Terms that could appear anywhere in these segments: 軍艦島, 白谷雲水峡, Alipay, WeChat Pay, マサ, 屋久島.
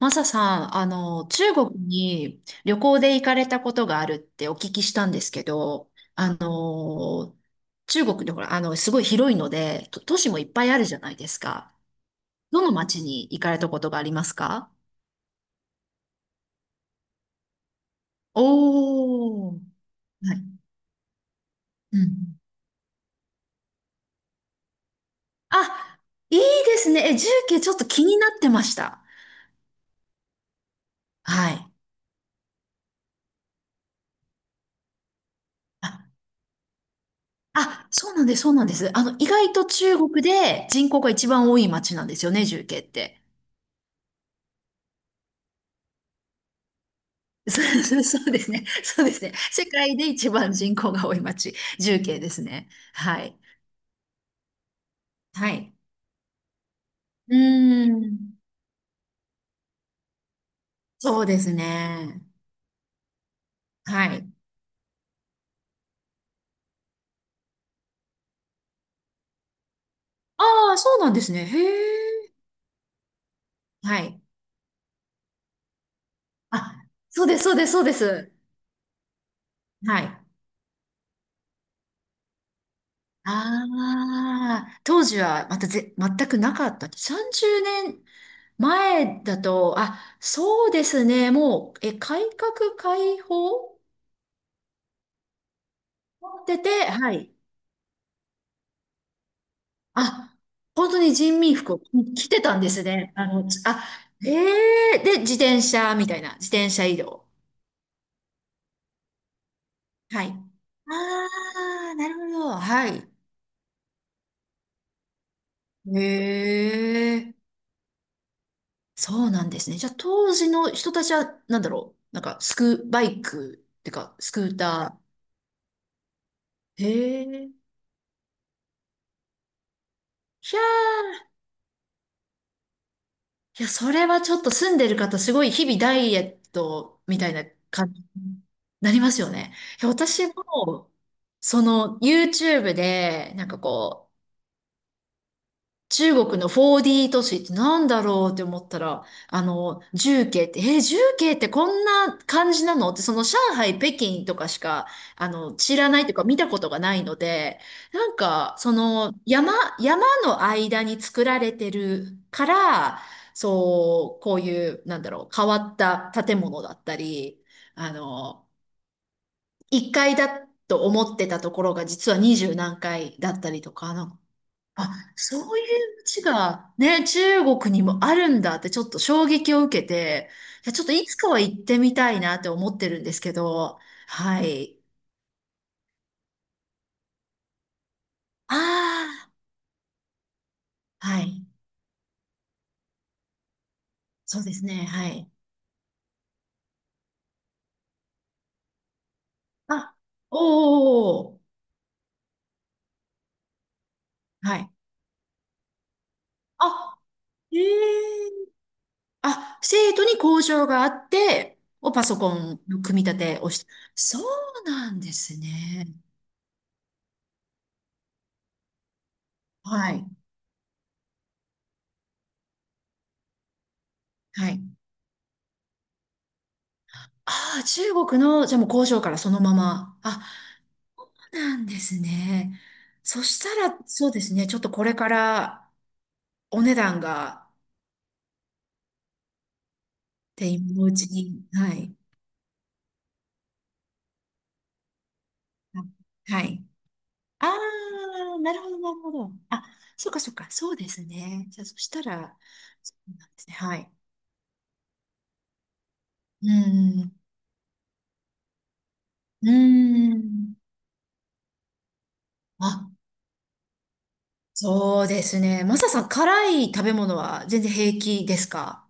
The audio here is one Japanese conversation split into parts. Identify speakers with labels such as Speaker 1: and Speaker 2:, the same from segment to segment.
Speaker 1: マサさん、中国に旅行で行かれたことがあるってお聞きしたんですけど、中国でほら、すごい広いので、と都市もいっぱいあるじゃないですか。どの町に行かれたことがありますか？おー。はい。うん。あ、いいですね。え、重慶ちょっと気になってました。はい。あ、あそうなんです、そうなんです。意外と中国で人口が一番多い町なんですよね、重慶って。そうそうそうですね。そうですね。世界で一番人口が多い町、重慶ですね。はい。はい。うーん。そうですね。はい。ああ、そうなんですね。へえ。はい。あ、そうです、そうです、そうです。はい。ああ、当時はまた全くなかった。30年前だと、あ、そうですね。もう、改革開放持ってて、はい。あ、本当に人民服を着てたんですね。あの、つあ、ええで、自転車みたいな、自転車移動。はい。ああ、なるほど。はい。ええそうなんですね。じゃあ、当時の人たちは、なんだろう。なんか、バイクっていうか、スクーター。へえ。ひゃいや、それはちょっと住んでる方、すごい日々ダイエットみたいな感じになりますよね。いや、私も、その YouTube で、なんかこう、中国の 4D 都市ってなんだろうって思ったら、重慶って、重慶ってこんな感じなのって、その上海、北京とかしか、知らないというか見たことがないので、なんか、その、山の間に作られてるから、そう、こういう、なんだろう、変わった建物だったり、あの、1階だと思ってたところが実は20何階だったりとか、なんあ、そういう街がね、中国にもあるんだってちょっと衝撃を受けて、いや、ちょっといつかは行ってみたいなって思ってるんですけど、はい。ああ、はい。そうですね、はい。あ、おーおーおー、はい。あ、ええ生徒に交渉があって、をパソコンの組み立てをして、そうなんですね。はい。はい。ああ、中国の、じゃあもう工場からそのまま。あ、なんですね。そしたら、そうですね。ちょっとこれからお値段が、って今のうちに、はい。はい。ああ、なるほど、なるほど。あ、そうか、そうか、そうですね。じゃあ、そしたら、そうなんですね。はい。うん、うん。あ、そうですね。マサさん、辛い食べ物は全然平気ですか？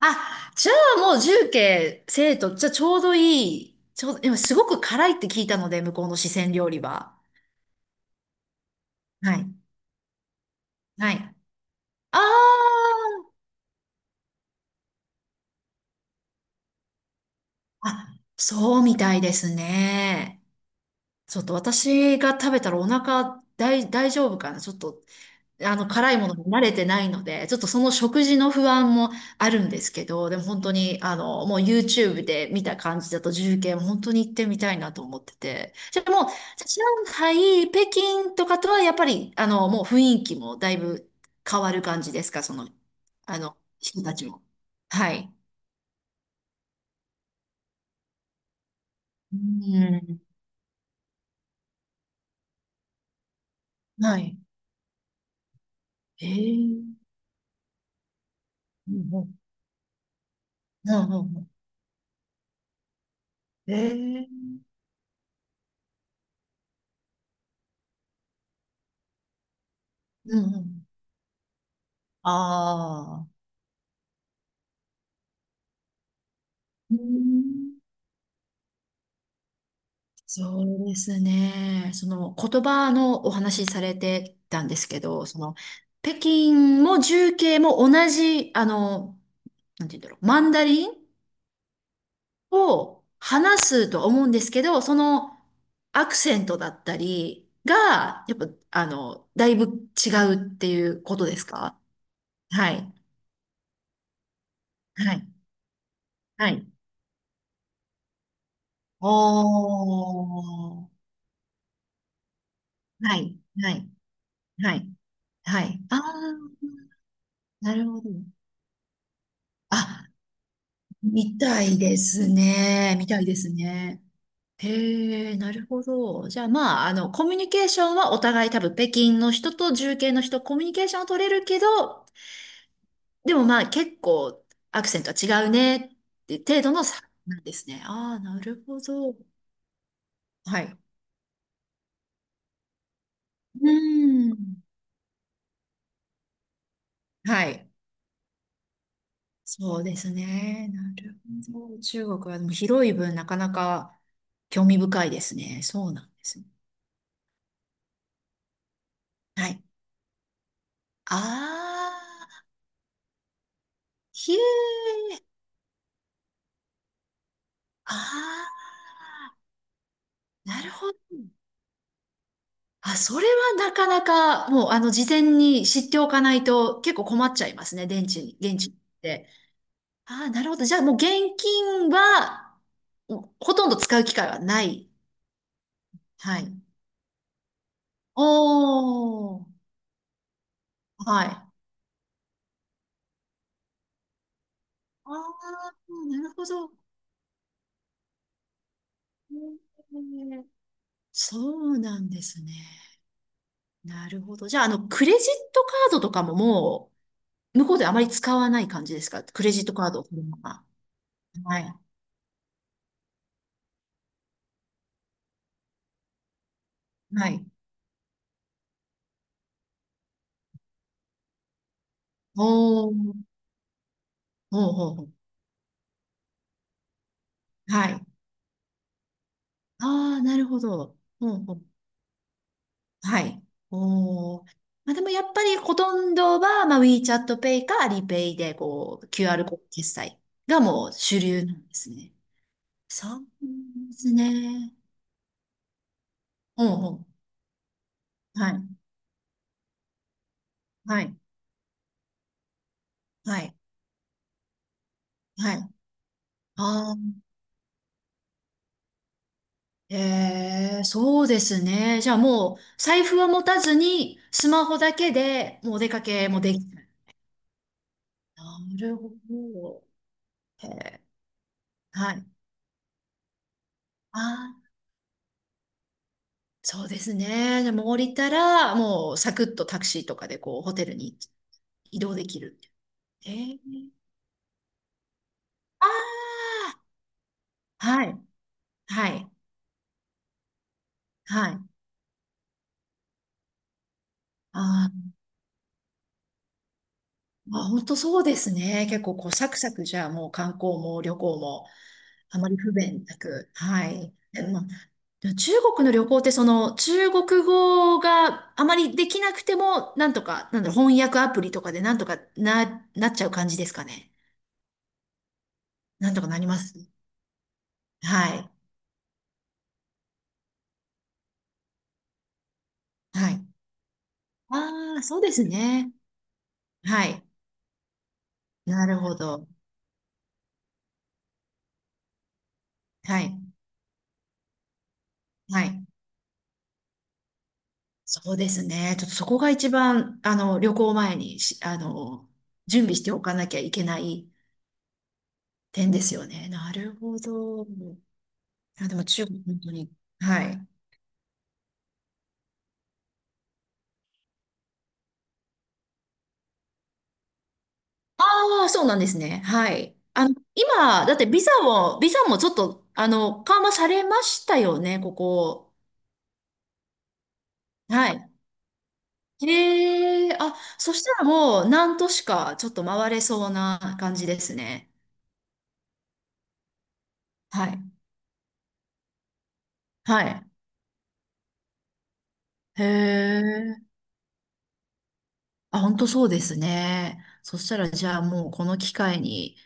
Speaker 1: あ、じゃあもう重慶、生徒、じゃあちょうどいい。ちょうど、今すごく辛いって聞いたので、向こうの四川料理は。はい。はい。ああ、あ、そうみたいですね。ちょっと私が食べたらお腹大丈夫かな、ちょっと辛いものに慣れてないので、ちょっとその食事の不安もあるんですけど、でも本当に、もう YouTube で見た感じだと重慶も本当に行ってみたいなと思ってて。じゃあもう、じゃあ上海、北京とかとはやっぱり、もう雰囲気もだいぶ変わる感じですか、その、人たちも。はい。うん。はい。ええうんうん。うんうんうん。ええうんうん。ああ。うんそうですね。その言葉のお話しされてたんですけど、その北京も重慶も同じ、なんて言うんだろう、マンダリンを話すと思うんですけど、そのアクセントだったりが、やっぱ、だいぶ違うっていうことですか？はい。はい。はい。おー。はい。はい。はい。はい。ああ、なるほど。あみたいですね。みたいですね。へえ、なるほど。じゃあまあ、コミュニケーションはお互い多分北京の人と重慶の人、コミュニケーションは取れるけど、でもまあ結構アクセントは違うねって程度の差なんですね。ああ、なるほど。はい。うーん。はい。そうですね。なるほど。中国はでも広い分なかなか興味深いですね。そうなんですね。はい。ああ。ひえ、ああ、なるほど。あ、それはなかなか、もう、事前に知っておかないと結構困っちゃいますね、電池に、電池って。ああ、なるほど。じゃあ、もう現金は、ほとんど使う機会はない。はい。おー、はい。ああ、なるほど。へーそうなんですね。なるほど。じゃあ、クレジットカードとかも向こうであまり使わない感じですか？クレジットカードを取るのが。はい。はい。おおほうほうほう。はい。ああ、なるほど。ほうほう。はい。おおまあ、でもやっぱりほとんどは、まあ、WeChat Pay か Alipay で、こう、QR コード決済がもう主流なんですね。そうですね。ほうほう。はい。はい。はい。はい。あええ、そうですね。じゃあもう、財布は持たずに、スマホだけで、もうお出かけもできる。なるほど。ええ、はい。ああ、そうですね。じゃあもう降りたら、もうサクッとタクシーとかで、こう、ホテルに移動できる。ええ、ああ、はい、はい、はい。ああ。あ、本当そうですね。結構こうサクサクじゃあもう観光も旅行もあまり不便なく。はい。えまあ、でも中国の旅行ってその中国語があまりできなくてもなんとか、なんだろう、翻訳アプリとかでなんとかなっちゃう感じですかね。なんとかなります。はい。はい。ああ、そうですね。はい。なるほど。はい。はい。そうですね。ちょっとそこが一番、旅行前にし、あの、準備しておかなきゃいけない点ですよね。なるほど。あ、でも中国、本当に。はい。ああ、そうなんですね。はい。今、だってビザもちょっと、緩和されましたよね、ここ。はい。へえ、あ、そしたらもう何都市かちょっと回れそうな感じですね。はい。はい。へえ。あ、本当そうですね。そしたら、じゃあもうこの機会に、